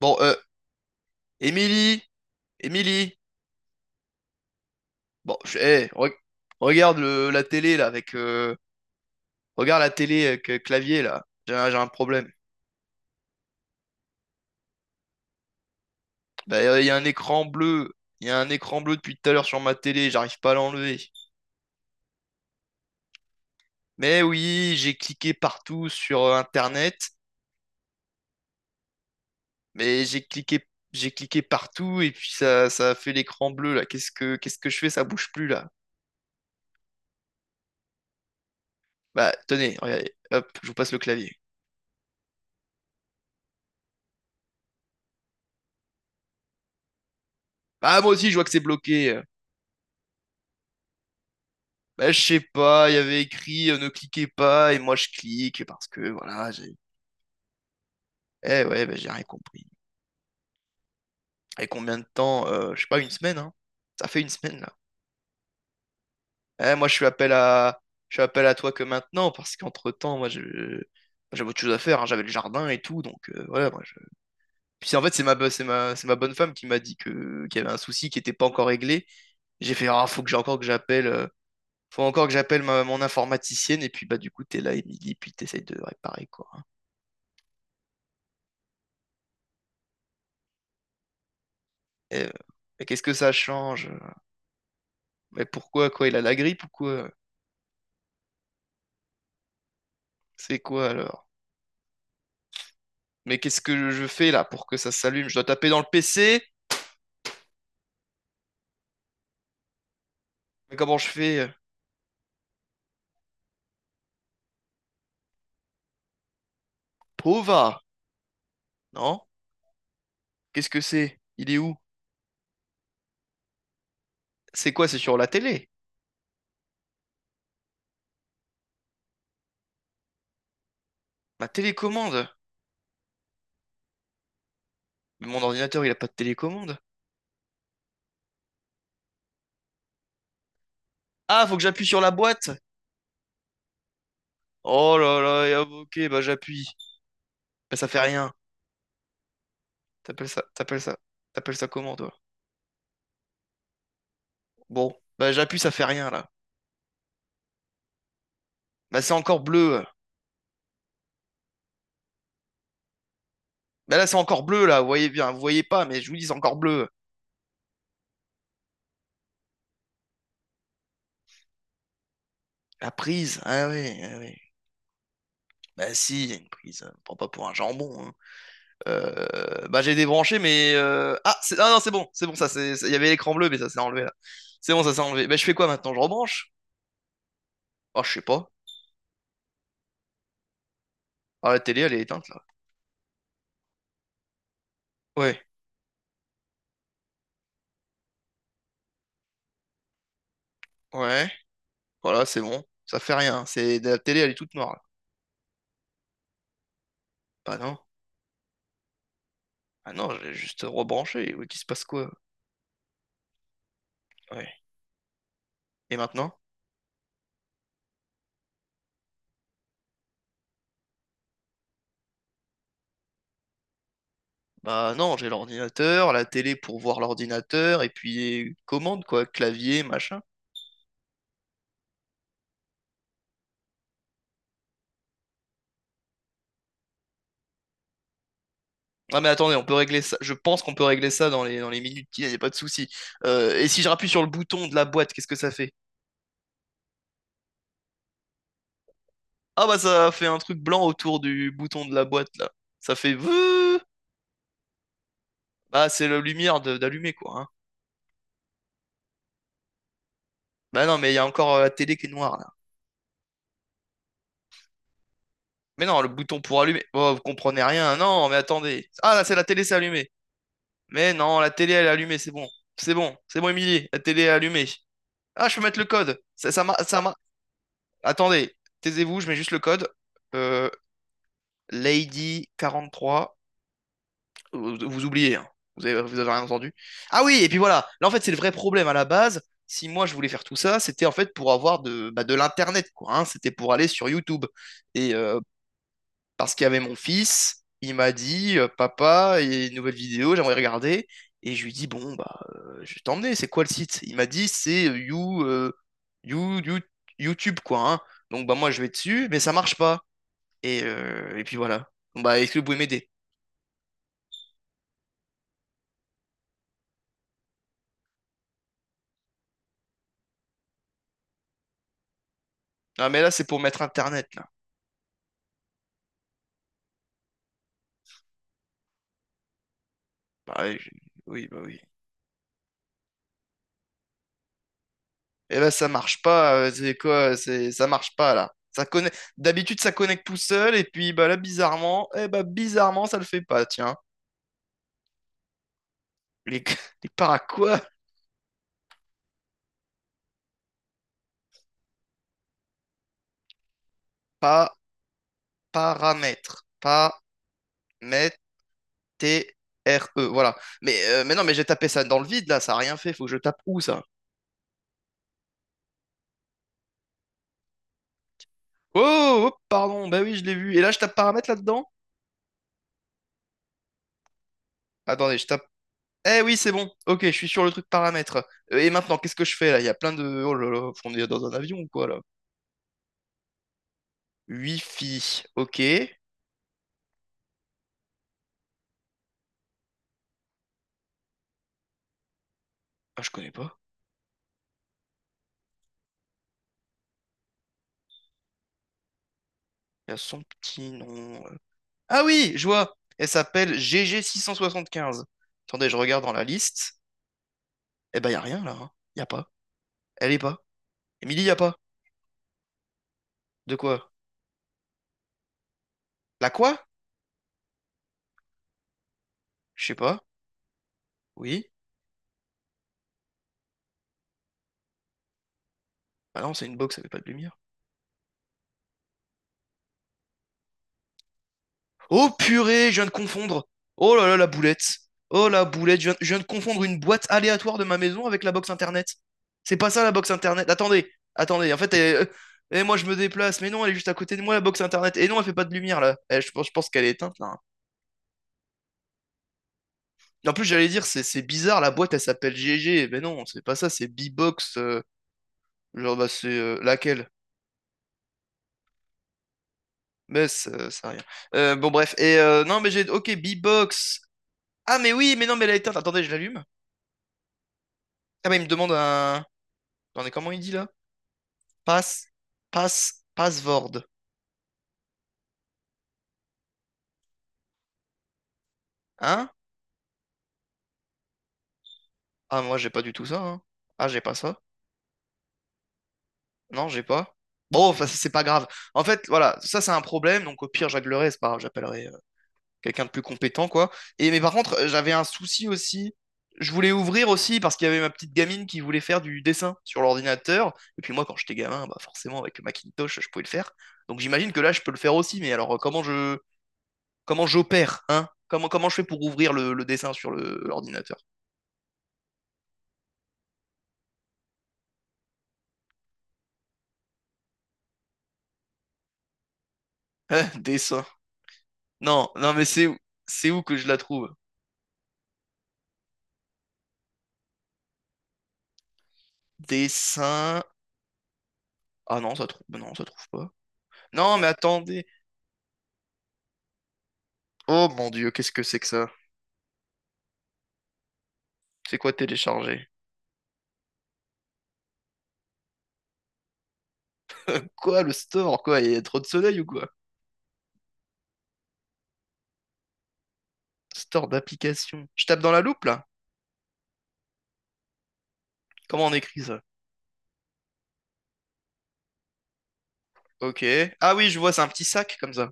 Bon, Émilie, Émilie, bon, regarde la télé là avec, regarde la télé avec clavier là. J'ai un problème. Bah, il y a un écran bleu depuis tout à l'heure sur ma télé, j'arrive pas à l'enlever. Mais oui, j'ai cliqué partout sur Internet, mais j'ai cliqué partout et puis ça a fait l'écran bleu là. Qu'est-ce que je fais? Ça bouge plus là. Bah, tenez, regardez, hop, je vous passe le clavier. Ah, moi aussi, je vois que c'est bloqué. Bah, je sais pas, il y avait écrit ne cliquez pas et moi je clique parce que voilà, j'ai. Eh ouais, bah, j'ai rien compris. Et combien de temps? Je sais pas, une semaine, hein. Ça fait une semaine là. Eh, moi je suis appel à toi que maintenant parce qu'entre-temps, moi je j'avais autre chose à faire, hein. J'avais le jardin et tout, donc voilà, moi je... Puis en fait, c'est ma bo- c'est ma bonne femme qui m'a dit que qu'il y avait un souci qui était pas encore réglé. J'ai fait ah, faut encore que j'appelle mon informaticienne et puis bah du coup, t'es là Émilie, puis t'essayes de réparer quoi. Et, mais qu'est-ce que ça change? Mais pourquoi, quoi, il a la grippe ou quoi? C'est quoi alors? Mais qu'est-ce que je fais là pour que ça s'allume? Je dois taper dans le PC? Mais comment je fais? Pova! Non? Qu'est-ce que c'est? Il est où? C'est quoi? C'est sur la télé? Ma télécommande? Mais mon ordinateur, il a pas de télécommande. Ah, faut que j'appuie sur la boîte? Oh là là, et ah, ok, bah j'appuie. Bah ça fait rien. T'appelles ça, t'appelles ça, T'appelles ça comment toi? Bon, bah j'appuie, ça fait rien là. Bah c'est encore bleu. Ben là, c'est encore bleu, là, vous voyez bien, vous voyez pas, mais je vous dis, c'est encore bleu. La prise, ah oui, ah oui. Bah si, il y a une prise, on me prend pas pour un jambon, hein. Bah j'ai débranché, mais ah, ah non, c'est bon, ça, c'est, il y avait l'écran bleu, mais ça s'est enlevé, là. C'est bon, ça s'est enlevé. Bah je fais quoi maintenant, je rebranche? Ah, je sais pas. Ah, la télé, elle est éteinte, là. Ouais, ouais, voilà, c'est bon. Ça fait rien, c'est. La télé, elle est toute noire, là. Bah non, ah non, j'ai juste rebranché, oui, qu'il se passe quoi? Ouais. Et maintenant? Bah non, j'ai l'ordinateur, la télé pour voir l'ordinateur, et puis commande, quoi, clavier, machin. Ah mais attendez, on peut régler ça. Je pense qu'on peut régler ça dans dans les minutes qui viennent, y a pas de souci. Et si je rappuie sur le bouton de la boîte, qu'est-ce que ça fait? Ah bah ça fait un truc blanc autour du bouton de la boîte là. Ça fait veuh. Bah c'est la lumière d'allumer quoi, hein. Bah non, mais il y a encore la télé qui est noire là. Mais non, le bouton pour allumer. Oh, vous comprenez rien. Non, mais attendez. Ah là, c'est la télé, c'est allumé. Mais non, la télé elle est allumée, c'est bon. C'est bon, c'est bon Émilie, la télé est allumée. Ah, je peux mettre le code. Ça m'a- ça m'a-. Attendez, taisez-vous, je mets juste le code. Euh, Lady 43. Vous oubliez, hein. Vous avez rien entendu. Ah oui, et puis voilà. Là, en fait, c'est le vrai problème à la base. Si moi je voulais faire tout ça, c'était en fait pour avoir bah, de l'internet, quoi, hein. C'était pour aller sur YouTube. Et euh, Parce qu'il y avait mon fils. Il m'a dit, papa, il y a une nouvelle vidéo, j'aimerais regarder. Et je lui dis, bon, bah, je vais t'emmener, c'est quoi le site? Il m'a dit, c'est You- You- YouTube, quoi, hein. Donc, bah, moi, je vais dessus, mais ça marche pas. Et puis voilà. Bon, bah, est-ce que vous pouvez m'aider? Ah mais là, c'est pour mettre Internet, là. Bah, ouais, oui, bah oui. Et là, ça marche pas, c'est quoi? C'est. Ça marche pas, là. Ça connecte. D'habitude, ça connecte tout seul, et puis, bah, là, bizarrement, ça le fait pas, tiens. Les, les para quoi? Pas paramètres. Pas T-R-E. Voilà. Mais non, mais j'ai tapé ça dans le vide là, ça a rien fait. Faut que je tape où ça? Oh, oh, pardon, bah oui, je l'ai vu. Et là, je tape paramètres là-dedans? Attendez, je tape. Eh oui, c'est bon. Ok, je suis sur le truc paramètres. Et maintenant, qu'est-ce que je fais là? Il y a plein de. Oh là là, on est dans un avion ou quoi là? Wi-Fi. Ok. Ah, je connais pas. Il y a son petit nom. Ah oui, je vois. Elle s'appelle gg 15. Attendez, je regarde dans la liste. Eh ben, y a rien là, hein. Y a pas. Elle est pas. Émilie, y a pas. De quoi? La quoi? Je sais pas. Oui. Ah non, c'est une box, ça fait pas de lumière. Oh purée, je viens de confondre. Oh là là, la boulette. Oh la boulette, je viens de confondre une boîte aléatoire de ma maison avec la box internet. C'est pas ça la box internet. Attendez, attendez. En fait, moi je me déplace, mais non, elle est juste à côté de moi la box internet. Et non, elle fait pas de lumière là. Eh, je pense qu'elle est éteinte là. En plus, j'allais dire, c'est bizarre, la boîte elle s'appelle GG. Mais non, c'est pas ça, c'est B-Box. Genre, bah, c'est laquelle? Mais ça a rien. Bon, bref. Et non, mais j'ai. Ok, B-Box. Ah, mais oui, mais non, mais elle a éteinte. Attendez, je l'allume. Ah, mais il me demande un. Attendez, comment il dit là? Pass. Pass. Password. Hein? Ah, moi, j'ai pas du tout ça, hein. Ah, j'ai pas ça. Non, j'ai pas. Bon, enfin, c'est pas grave. En fait, voilà, ça, c'est un problème. Donc, au pire, je réglerai. C'est pas grave, j'appellerai quelqu'un de plus compétent, quoi. Et, mais par contre, j'avais un souci aussi. Je voulais ouvrir aussi parce qu'il y avait ma petite gamine qui voulait faire du dessin sur l'ordinateur. Et puis moi, quand j'étais gamin, bah forcément, avec Macintosh, je pouvais le faire. Donc j'imagine que là, je peux le faire aussi. Mais alors, comment j'opère, hein? Comment je fais pour ouvrir le dessin sur l'ordinateur? Hein, dessin. Non, non, mais c'est où? C'est où que je la trouve? Dessin. Ah non, ça trouve. Non, ça trouve pas. Non, mais attendez. Oh mon Dieu, qu'est-ce que c'est que ça? C'est quoi télécharger? Quoi, le store, quoi? Il y a trop de soleil ou quoi? Store d'application. Je tape dans la loupe, là? Comment on écrit ça? Ok. Ah oui, je vois, c'est un petit sac comme ça.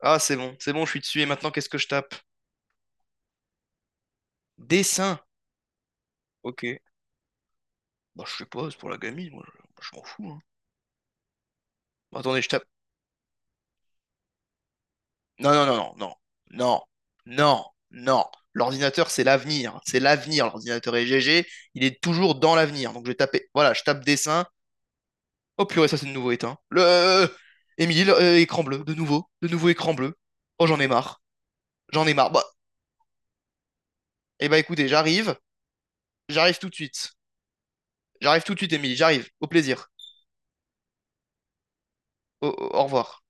Ah, c'est bon, je suis dessus. Et maintenant, qu'est-ce que je tape? Dessin. Ok. Bah, je sais pas, c'est pour la gamine, moi. Je m'en fous, hein. Bah, attendez, je tape. Non, non, non, non, non, non, non, non. L'ordinateur, c'est l'avenir. C'est l'avenir, l'ordinateur. Et GG, il est toujours dans l'avenir. Donc, je vais taper. Voilà, je tape dessin. Oh purée, ça c'est de nouveau éteint. Le Émile, écran bleu, de nouveau écran bleu. Oh j'en ai marre, j'en ai marre. Bah, eh bah écoutez, j'arrive, j'arrive tout de suite. J'arrive tout de suite, Émile, j'arrive. Au plaisir. Au revoir.